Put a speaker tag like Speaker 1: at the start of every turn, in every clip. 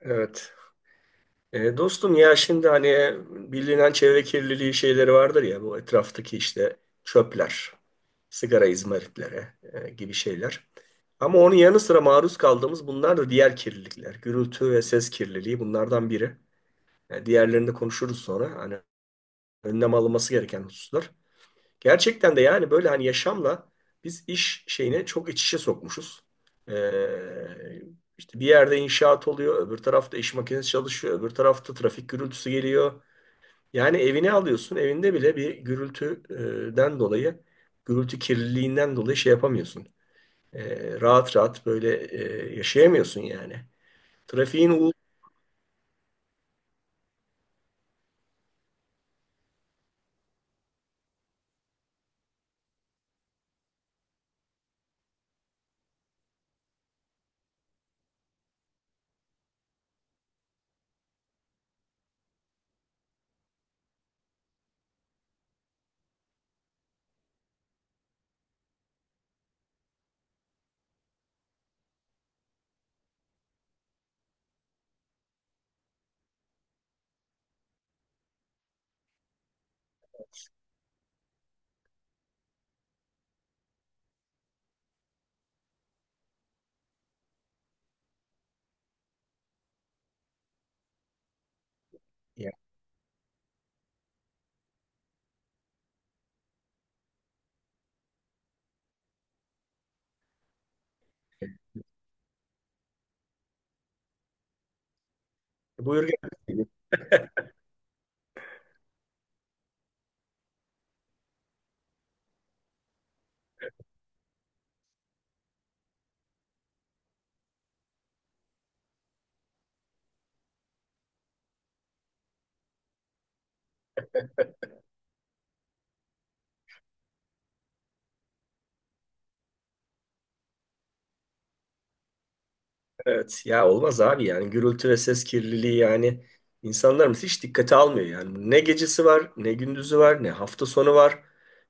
Speaker 1: Evet. Dostum ya şimdi hani bilinen çevre kirliliği şeyleri vardır ya bu etraftaki işte çöpler, sigara izmaritleri gibi şeyler. Ama onun yanı sıra maruz kaldığımız bunlar da diğer kirlilikler. Gürültü ve ses kirliliği bunlardan biri. Diğerlerini de konuşuruz sonra. Hani önlem alınması gereken hususlar. Gerçekten de yani böyle hani yaşamla biz iş şeyini çok iç içe sokmuşuz. Ee, işte bir yerde inşaat oluyor, öbür tarafta iş makinesi çalışıyor, öbür tarafta trafik gürültüsü geliyor. Yani evini alıyorsun, evinde bile bir gürültüden dolayı, gürültü kirliliğinden dolayı şey yapamıyorsun. Rahat rahat böyle yaşayamıyorsun yani. Trafiğin uğultusu. Buyur gel. Evet ya olmaz abi yani gürültü ve ses kirliliği yani insanlarımız hiç dikkate almıyor yani. Ne gecesi var, ne gündüzü var, ne hafta sonu var.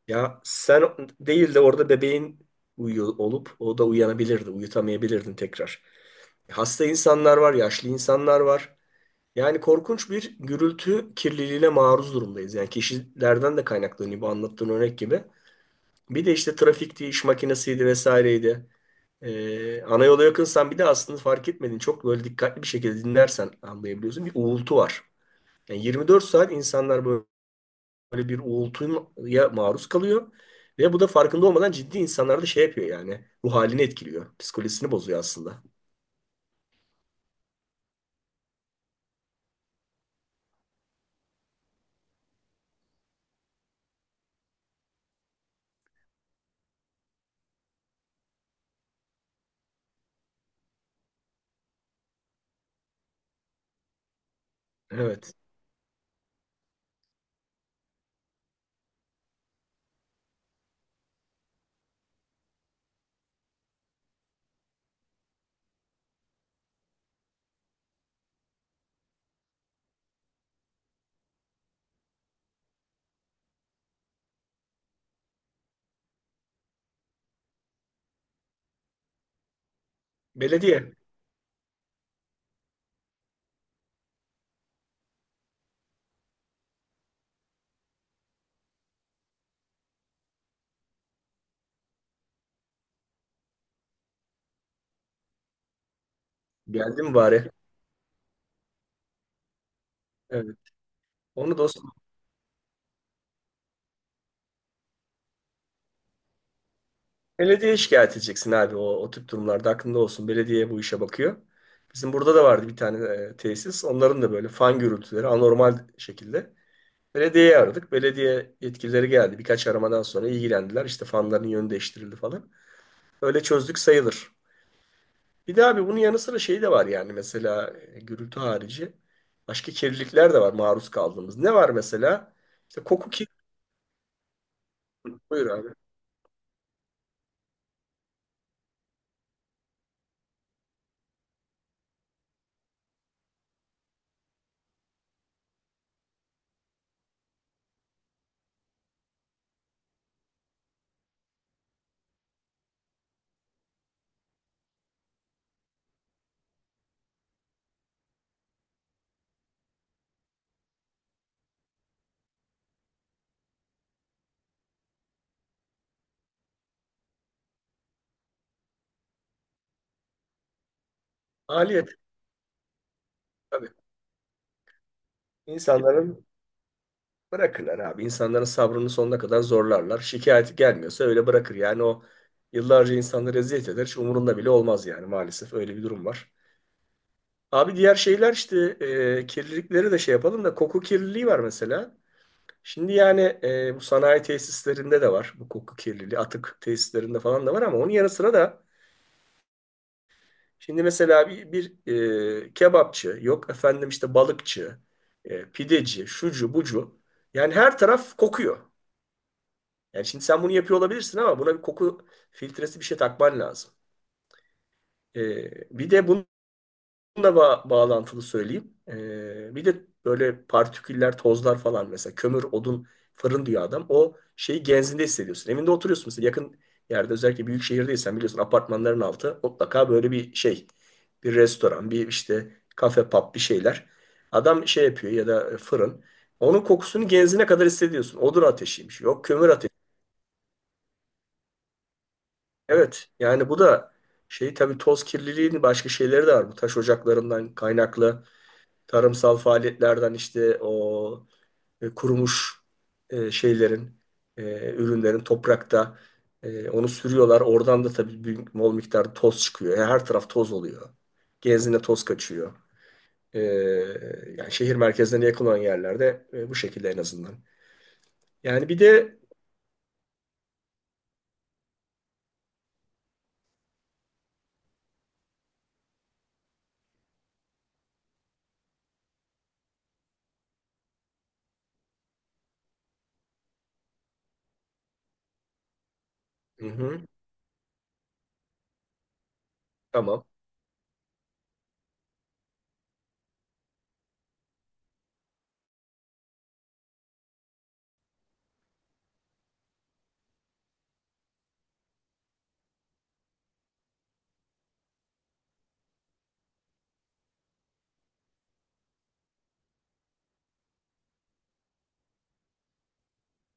Speaker 1: Ya sen değil de orada bebeğin uyuyor olup o da uyanabilirdi, uyutamayabilirdin tekrar. Hasta insanlar var, yaşlı insanlar var. Yani korkunç bir gürültü kirliliğine maruz durumdayız. Yani kişilerden de kaynaklanıyor bu anlattığın örnek gibi. Bir de işte trafikti, iş makinesiydi vesaireydi. Ana yola yakınsan bir de aslında fark etmedin. Çok böyle dikkatli bir şekilde dinlersen anlayabiliyorsun. Bir uğultu var. Yani 24 saat insanlar böyle bir uğultuya maruz kalıyor. Ve bu da farkında olmadan ciddi insanlarda şey yapıyor yani. Ruh halini etkiliyor. Psikolojisini bozuyor aslında. Evet. Belediye. Geldim bari. Evet. Onu dostum. Belediyeye şikayet edeceksin abi o tip durumlarda. Aklında olsun. Belediye bu işe bakıyor. Bizim burada da vardı bir tane tesis. Onların da böyle fan gürültüleri anormal şekilde. Belediyeyi aradık. Belediye yetkilileri geldi. Birkaç aramadan sonra ilgilendiler. İşte fanların yönü değiştirildi falan. Öyle çözdük sayılır. Bir de abi bunun yanı sıra şey de var yani mesela gürültü harici başka kirlilikler de var maruz kaldığımız. Ne var mesela? İşte koku kirli. Buyur abi. Maliyet. Tabii. İnsanların bırakırlar abi. İnsanların sabrını sonuna kadar zorlarlar. Şikayeti gelmiyorsa öyle bırakır. Yani o yıllarca insanları eziyet eder. Hiç umurunda bile olmaz yani maalesef öyle bir durum var. Abi diğer şeyler işte kirlilikleri de şey yapalım da koku kirliliği var mesela. Şimdi yani bu sanayi tesislerinde de var bu koku kirliliği. Atık tesislerinde falan da var ama onun yanı sıra da şimdi mesela bir kebapçı yok efendim işte balıkçı, pideci, şucu bucu. Yani her taraf kokuyor. Yani şimdi sen bunu yapıyor olabilirsin ama buna bir koku filtresi bir şey takman lazım. E, Bir de bunun da bağlantılı söyleyeyim. Bir de böyle partiküller, tozlar falan mesela kömür, odun, fırın diyor adam. O şeyi genzinde hissediyorsun. Evinde oturuyorsun mesela yakın yerde özellikle büyük şehirdeysen biliyorsun apartmanların altı mutlaka böyle bir şey. Bir restoran, bir işte kafe, pub bir şeyler. Adam şey yapıyor ya da fırın. Onun kokusunu genzine kadar hissediyorsun. Odun ateşiymiş. Yok kömür ateşi. Evet yani bu da şey tabii toz kirliliğinin başka şeyleri de var. Bu taş ocaklarından kaynaklı tarımsal faaliyetlerden işte o kurumuş şeylerin, ürünlerin toprakta onu sürüyorlar. Oradan da tabii büyük bol miktarda toz çıkıyor. Yani her taraf toz oluyor. Genzine toz kaçıyor. E, Yani şehir merkezlerine yakın olan yerlerde bu şekilde en azından. Yani bir de hı hı, tamam.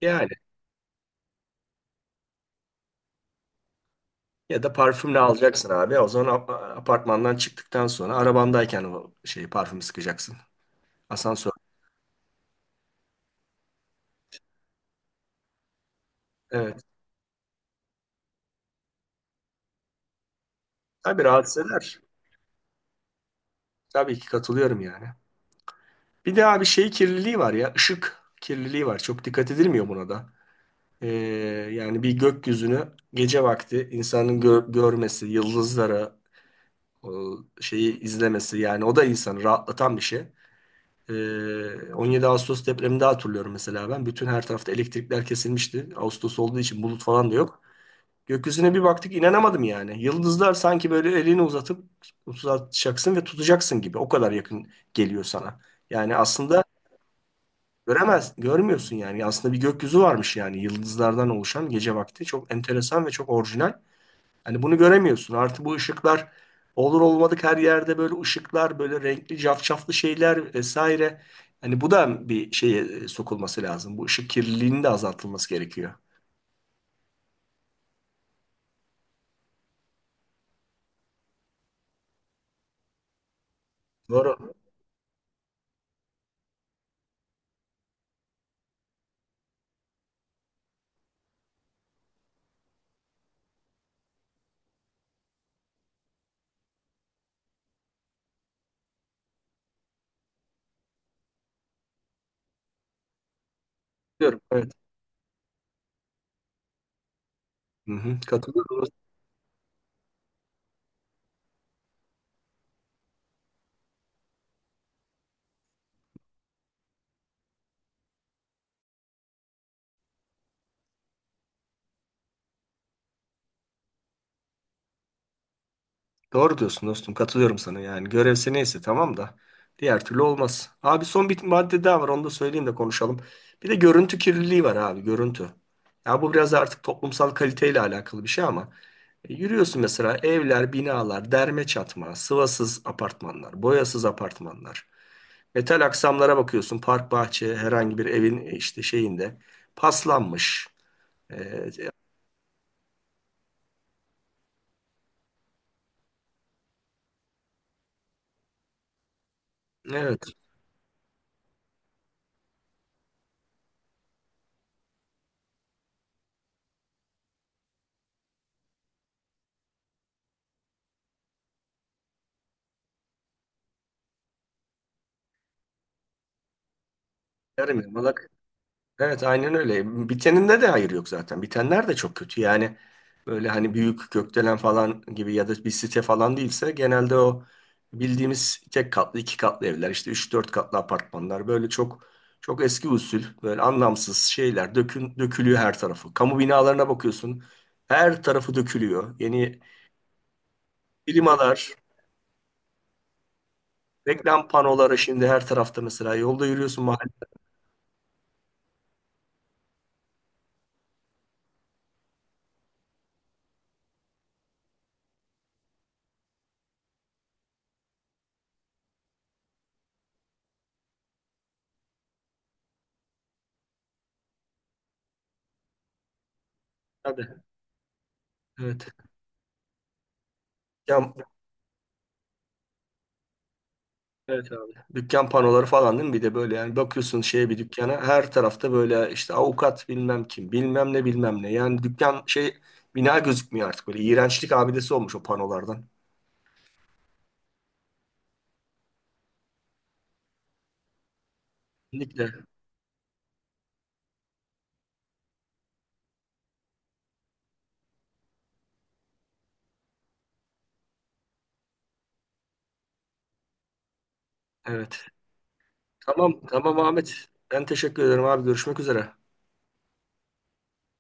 Speaker 1: Yani ya da parfümle alacaksın abi. O zaman apartmandan çıktıktan sonra arabandayken o şeyi parfümü sıkacaksın. Asansör. Evet. Tabii rahatsız eder. Tabii ki katılıyorum yani. Bir de abi şey kirliliği var ya ışık kirliliği var. Çok dikkat edilmiyor buna da. Ee, Yani bir gökyüzünü gece vakti insanın görmesi, yıldızları o şeyi izlemesi yani o da insanı rahatlatan bir şey. 17 Ağustos depreminde hatırlıyorum mesela ben. Bütün her tarafta elektrikler kesilmişti. Ağustos olduğu için bulut falan da yok. Gökyüzüne bir baktık inanamadım yani. Yıldızlar sanki böyle elini uzatıp uzatacaksın ve tutacaksın gibi. O kadar yakın geliyor sana. Yani aslında göremez, görmüyorsun yani. Aslında bir gökyüzü varmış yani yıldızlardan oluşan gece vakti. Çok enteresan ve çok orijinal. Hani bunu göremiyorsun. Artı bu ışıklar olur olmadık her yerde böyle ışıklar, böyle renkli cafcaflı şeyler vesaire. Hani bu da bir şeye sokulması lazım. Bu ışık kirliliğinin de azaltılması gerekiyor. Doğru. Diyorum, evet. Hı hı. Katılıyorum. Doğru diyorsun dostum katılıyorum sana yani görevse neyse tamam da diğer türlü olmaz. Abi son bir madde daha var onu da söyleyeyim de konuşalım. Bir de görüntü kirliliği var abi görüntü. Ya bu biraz artık toplumsal kaliteyle alakalı bir şey ama yürüyorsun mesela evler, binalar, derme çatma, sıvasız apartmanlar, boyasız apartmanlar. Metal aksamlara bakıyorsun park bahçe herhangi bir evin işte şeyinde paslanmış. E, e, evet. Yarım yamalak. Evet, aynen öyle. Biteninde de hayır yok zaten. Bitenler de çok kötü. Yani böyle hani büyük gökdelen falan gibi ya da bir site falan değilse genelde o bildiğimiz tek katlı, iki katlı evler, işte üç dört katlı apartmanlar böyle çok çok eski usul, böyle anlamsız şeyler dökün, dökülüyor her tarafı. Kamu binalarına bakıyorsun. Her tarafı dökülüyor. Yeni primalar, reklam panoları şimdi her tarafta mesela. Yolda yürüyorsun mahallede. Evet. Ya evet abi. Dükkan panoları falan değil mi? Bir de böyle yani bakıyorsun şeye bir dükkana her tarafta böyle işte avukat bilmem kim bilmem ne bilmem ne. Yani dükkan şey bina gözükmüyor artık böyle iğrençlik abidesi olmuş o panolardan. Kesinlikle. Evet. Tamam tamam Ahmet. Ben teşekkür ederim abi. Görüşmek üzere.